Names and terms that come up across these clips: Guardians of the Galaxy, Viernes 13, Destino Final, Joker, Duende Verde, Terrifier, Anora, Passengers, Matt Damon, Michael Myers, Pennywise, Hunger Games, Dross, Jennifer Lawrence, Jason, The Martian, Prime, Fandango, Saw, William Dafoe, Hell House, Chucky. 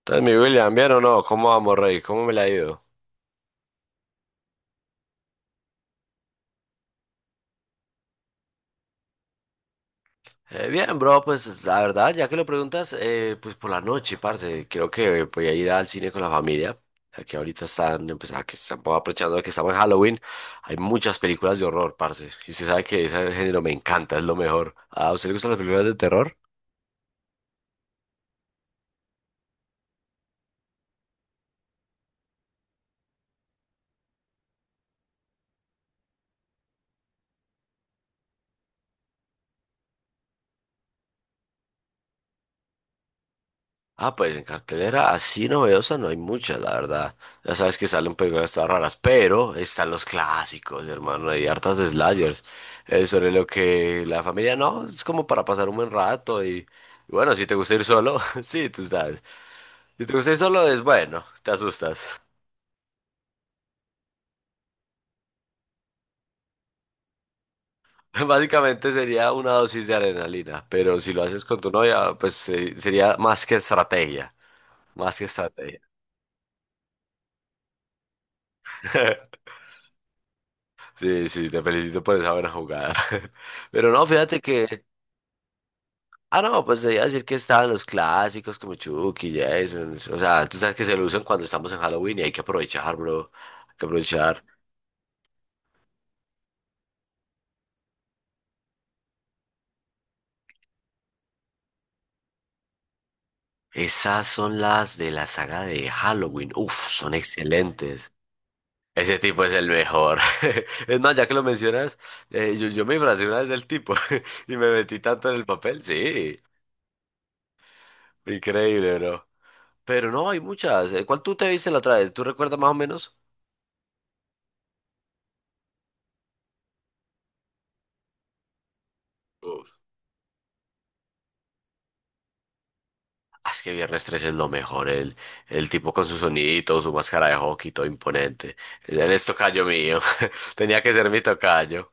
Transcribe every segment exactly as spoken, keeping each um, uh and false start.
Entonces, mi William, ¿bien o no? ¿Cómo vamos, Rey? ¿Cómo me la ha ido? Eh, bien, bro, pues la verdad, ya que lo preguntas, eh, pues por la noche, parce, creo que voy a ir al cine con la familia. Aquí ahorita están, pues, ah, que están aprovechando de que estamos en Halloween. Hay muchas películas de horror, parce. Y se sabe que ese género me encanta, es lo mejor. ¿A usted le gustan las películas de terror? Ah, pues en cartelera así novedosa no hay muchas, la verdad. Ya sabes que salen películas todas raras, pero están los clásicos, hermano. Hay hartas de slashers. Eh, sobre lo que la familia no, es como para pasar un buen rato. Y, y bueno, si te gusta ir solo, sí, tú sabes. Si te gusta ir solo, es bueno, te asustas. Básicamente sería una dosis de adrenalina, pero si lo haces con tu novia, pues se- sería más que estrategia. Más que estrategia. Sí, sí, te felicito por esa buena jugada. Pero no, fíjate que ah, no, pues te iba a decir que estaban los clásicos como Chucky, Jason. O sea, tú sabes que se lo usan cuando estamos en Halloween y hay que aprovechar, bro. Hay que aprovechar. Esas son las de la saga de Halloween. Uf, son excelentes. Ese tipo es el mejor. Es más, ya que lo mencionas, eh, yo, yo me disfracé una vez del tipo y me metí tanto en el papel. Sí, increíble, bro. Pero no, hay muchas. Eh, ¿Cuál tú te viste la otra vez? ¿Tú recuerdas más o menos? Uf. Ah, es que Viernes trece es lo mejor, el, el tipo con su sonidito, su máscara de hockey, todo imponente. Él es tocayo mío, tenía que ser mi tocayo.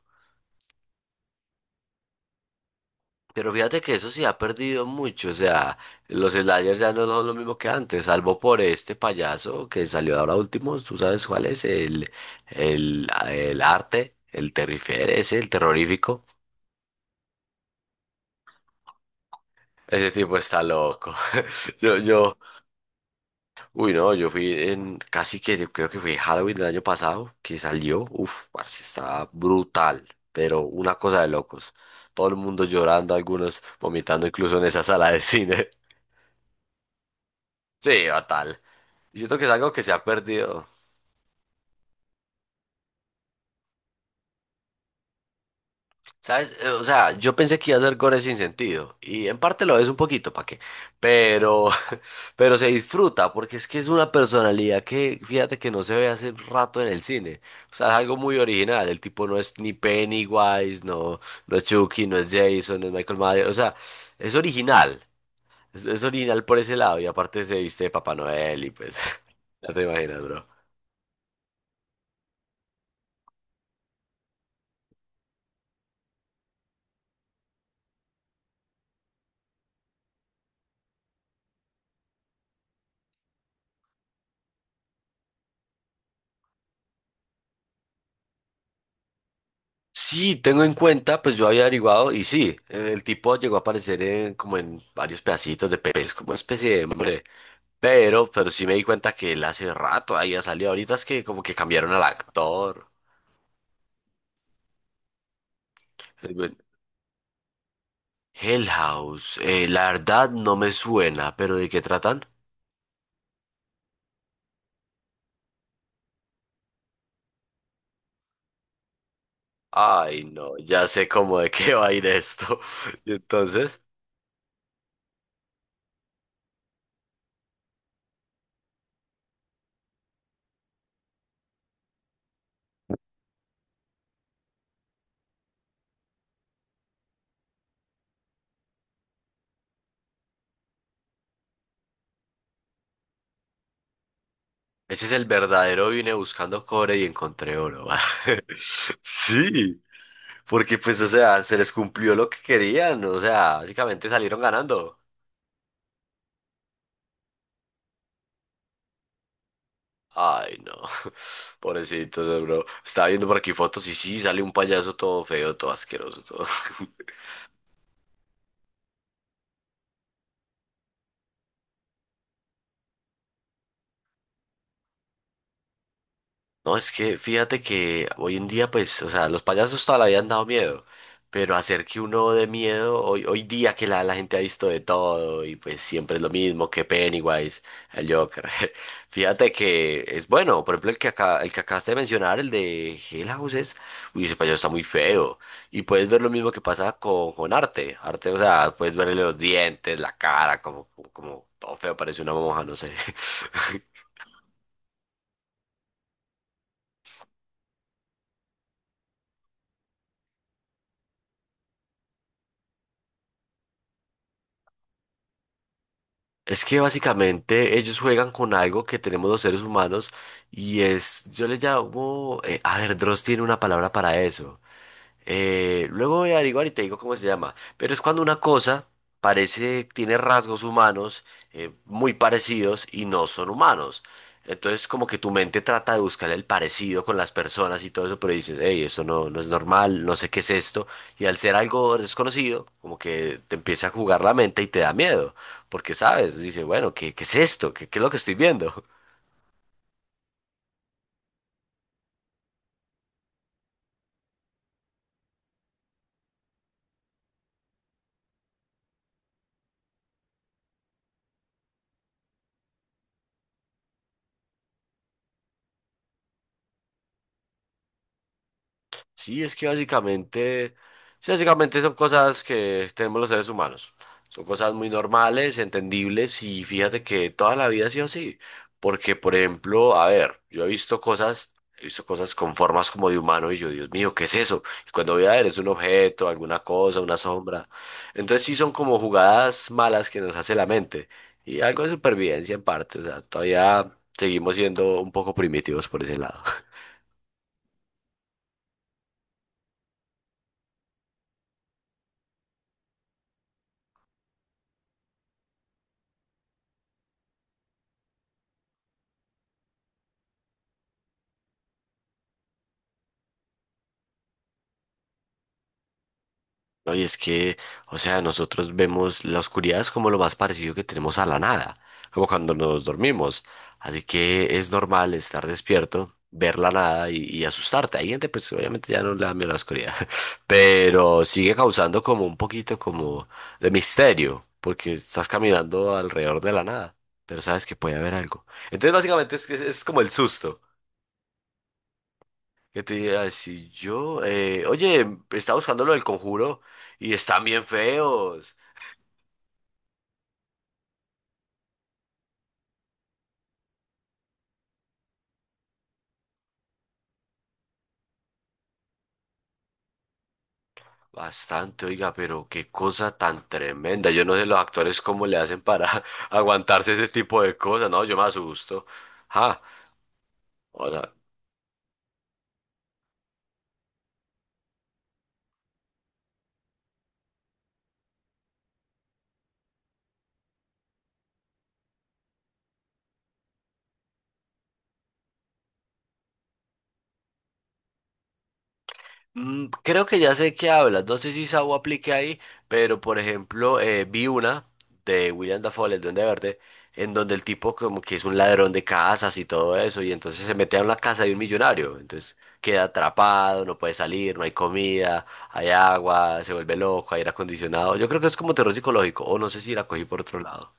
Pero fíjate que eso sí ha perdido mucho, o sea, los sliders ya no son lo mismo que antes, salvo por este payaso que salió ahora último, tú sabes cuál es, el, el, ah, el arte, el terrifer ese, el terrorífico. Ese tipo está loco. Yo, yo, Uy, no, yo fui en casi que yo creo que fue Halloween del año pasado que salió. Uf, parce, estaba brutal, pero una cosa de locos. Todo el mundo llorando, algunos vomitando incluso en esa sala de cine. Sí, fatal. Y siento que es algo que se ha perdido. ¿Sabes? Eh, O sea, yo pensé que iba a ser gore sin sentido. Y en parte lo es un poquito, ¿para qué? Pero, pero se disfruta, porque es que es una personalidad que, fíjate que no se ve hace rato en el cine. O sea, es algo muy original. El tipo no es ni Pennywise, no, no es Chucky, no es Jason, no es Michael Myers. O sea, es original. Es, es original por ese lado. Y aparte se viste de Papá Noel y pues, ya te imaginas, bro. Sí, tengo en cuenta, pues yo había averiguado y sí, eh, el tipo llegó a aparecer en, como en varios pedacitos de pepes, como una especie de hombre, pero, pero sí me di cuenta que él hace rato había salido, ahorita es que como que cambiaron al actor. Eh, bueno, Hell House, eh, la verdad no me suena, pero ¿de qué tratan? Ay, no, ya sé cómo de qué va a ir esto. Y entonces, ese es el verdadero, vine buscando cobre y encontré oro. Sí. Porque pues, o sea, se les cumplió lo que querían, o sea, básicamente salieron ganando. Ay, no, pobrecitos, bro. Estaba viendo por aquí fotos y sí, sale un payaso todo feo, todo asqueroso, todo. No, es que fíjate que hoy en día, pues, o sea, los payasos toda la vida han dado miedo, pero hacer que uno de miedo, hoy, hoy día que la, la gente ha visto de todo y pues siempre es lo mismo que Pennywise, el Joker. Fíjate que es bueno, por ejemplo, el que acá, el que acabaste de mencionar, el de Hell House, es- uy, ese payaso está muy feo. Y puedes ver lo mismo que pasa con, con arte. Arte, o sea, puedes verle los dientes, la cara, como, como, como todo feo, parece una monja, no sé. Es que básicamente ellos juegan con algo que tenemos los seres humanos y es, yo le llamo, eh, a ver, Dross tiene una palabra para eso. Eh, luego voy a averiguar y te digo cómo se llama. Pero es cuando una cosa parece, tiene rasgos humanos eh, muy parecidos y no son humanos. Entonces como que tu mente trata de buscar el parecido con las personas y todo eso, pero dices, hey, eso no, no es normal, no sé qué es esto. Y al ser algo desconocido, como que te empieza a jugar la mente y te da miedo, porque sabes, dice, bueno, ¿qué, qué es esto? ¿Qué, qué es lo que estoy viendo? Sí, es que básicamente, sí, básicamente son cosas que tenemos los seres humanos. Son cosas muy normales, entendibles y fíjate que toda la vida ha sido así. Porque, por ejemplo, a ver, yo he visto cosas, he visto cosas con formas como de humano y yo, Dios mío, ¿qué es eso? Y cuando voy a ver, es un objeto, alguna cosa, una sombra. Entonces sí son como jugadas malas que nos hace la mente. Y algo de supervivencia en parte, o sea, todavía seguimos siendo un poco primitivos por ese lado. No, y es que, o sea, nosotros vemos la oscuridad es como lo más parecido que tenemos a la nada, como cuando nos dormimos. Así que es normal estar despierto, ver la nada y, y asustarte. Hay gente, pues obviamente ya no le da miedo a la oscuridad, pero sigue causando como un poquito como de misterio, porque estás caminando alrededor de la nada, pero sabes que puede haber algo. Entonces, básicamente es, que es, es como el susto. Que te diga, si yo, eh, oye, estaba buscando lo del conjuro y están bien feos. Bastante, oiga, pero qué cosa tan tremenda. Yo no sé los actores cómo le hacen para aguantarse ese tipo de cosas. No, yo me asusto. Ja, o sea, mm, creo que ya sé qué hablas, no sé si Saw aplique ahí, pero por ejemplo eh, vi una de William Dafoe, el Duende Verde, en donde el tipo como que es un ladrón de casas y todo eso, y entonces se mete a una casa de un millonario, entonces queda atrapado, no puede salir, no hay comida, hay agua, se vuelve loco, hay aire acondicionado, yo creo que es como terror psicológico, o no sé si la cogí por otro lado.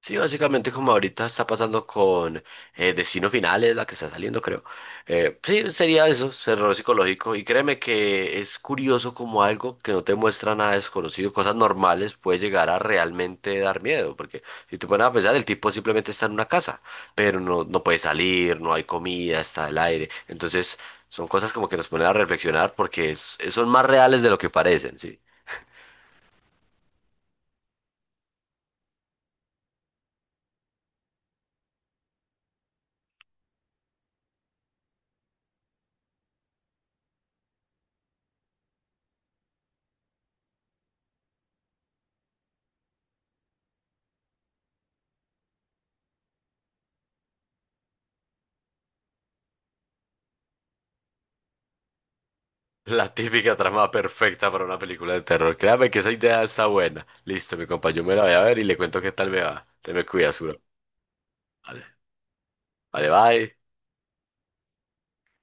Sí, básicamente como ahorita está pasando con eh, Destino Final, es la que está saliendo, creo. Eh, sí, sería eso, terror psicológico. Y créeme que es curioso como algo que no te muestra nada desconocido, cosas normales, puede llegar a realmente dar miedo. Porque si te pones a pensar, el tipo simplemente está en una casa, pero no, no puede salir, no hay comida, está el aire. Entonces, son cosas como que nos ponen a reflexionar porque es- son más reales de lo que parecen, ¿sí? La típica trama perfecta para una película de terror. Créame que esa idea está buena. Listo, mi compa, yo me la voy a ver y le cuento qué tal me va. Te me cuidas, bro. Vale, vale, bye.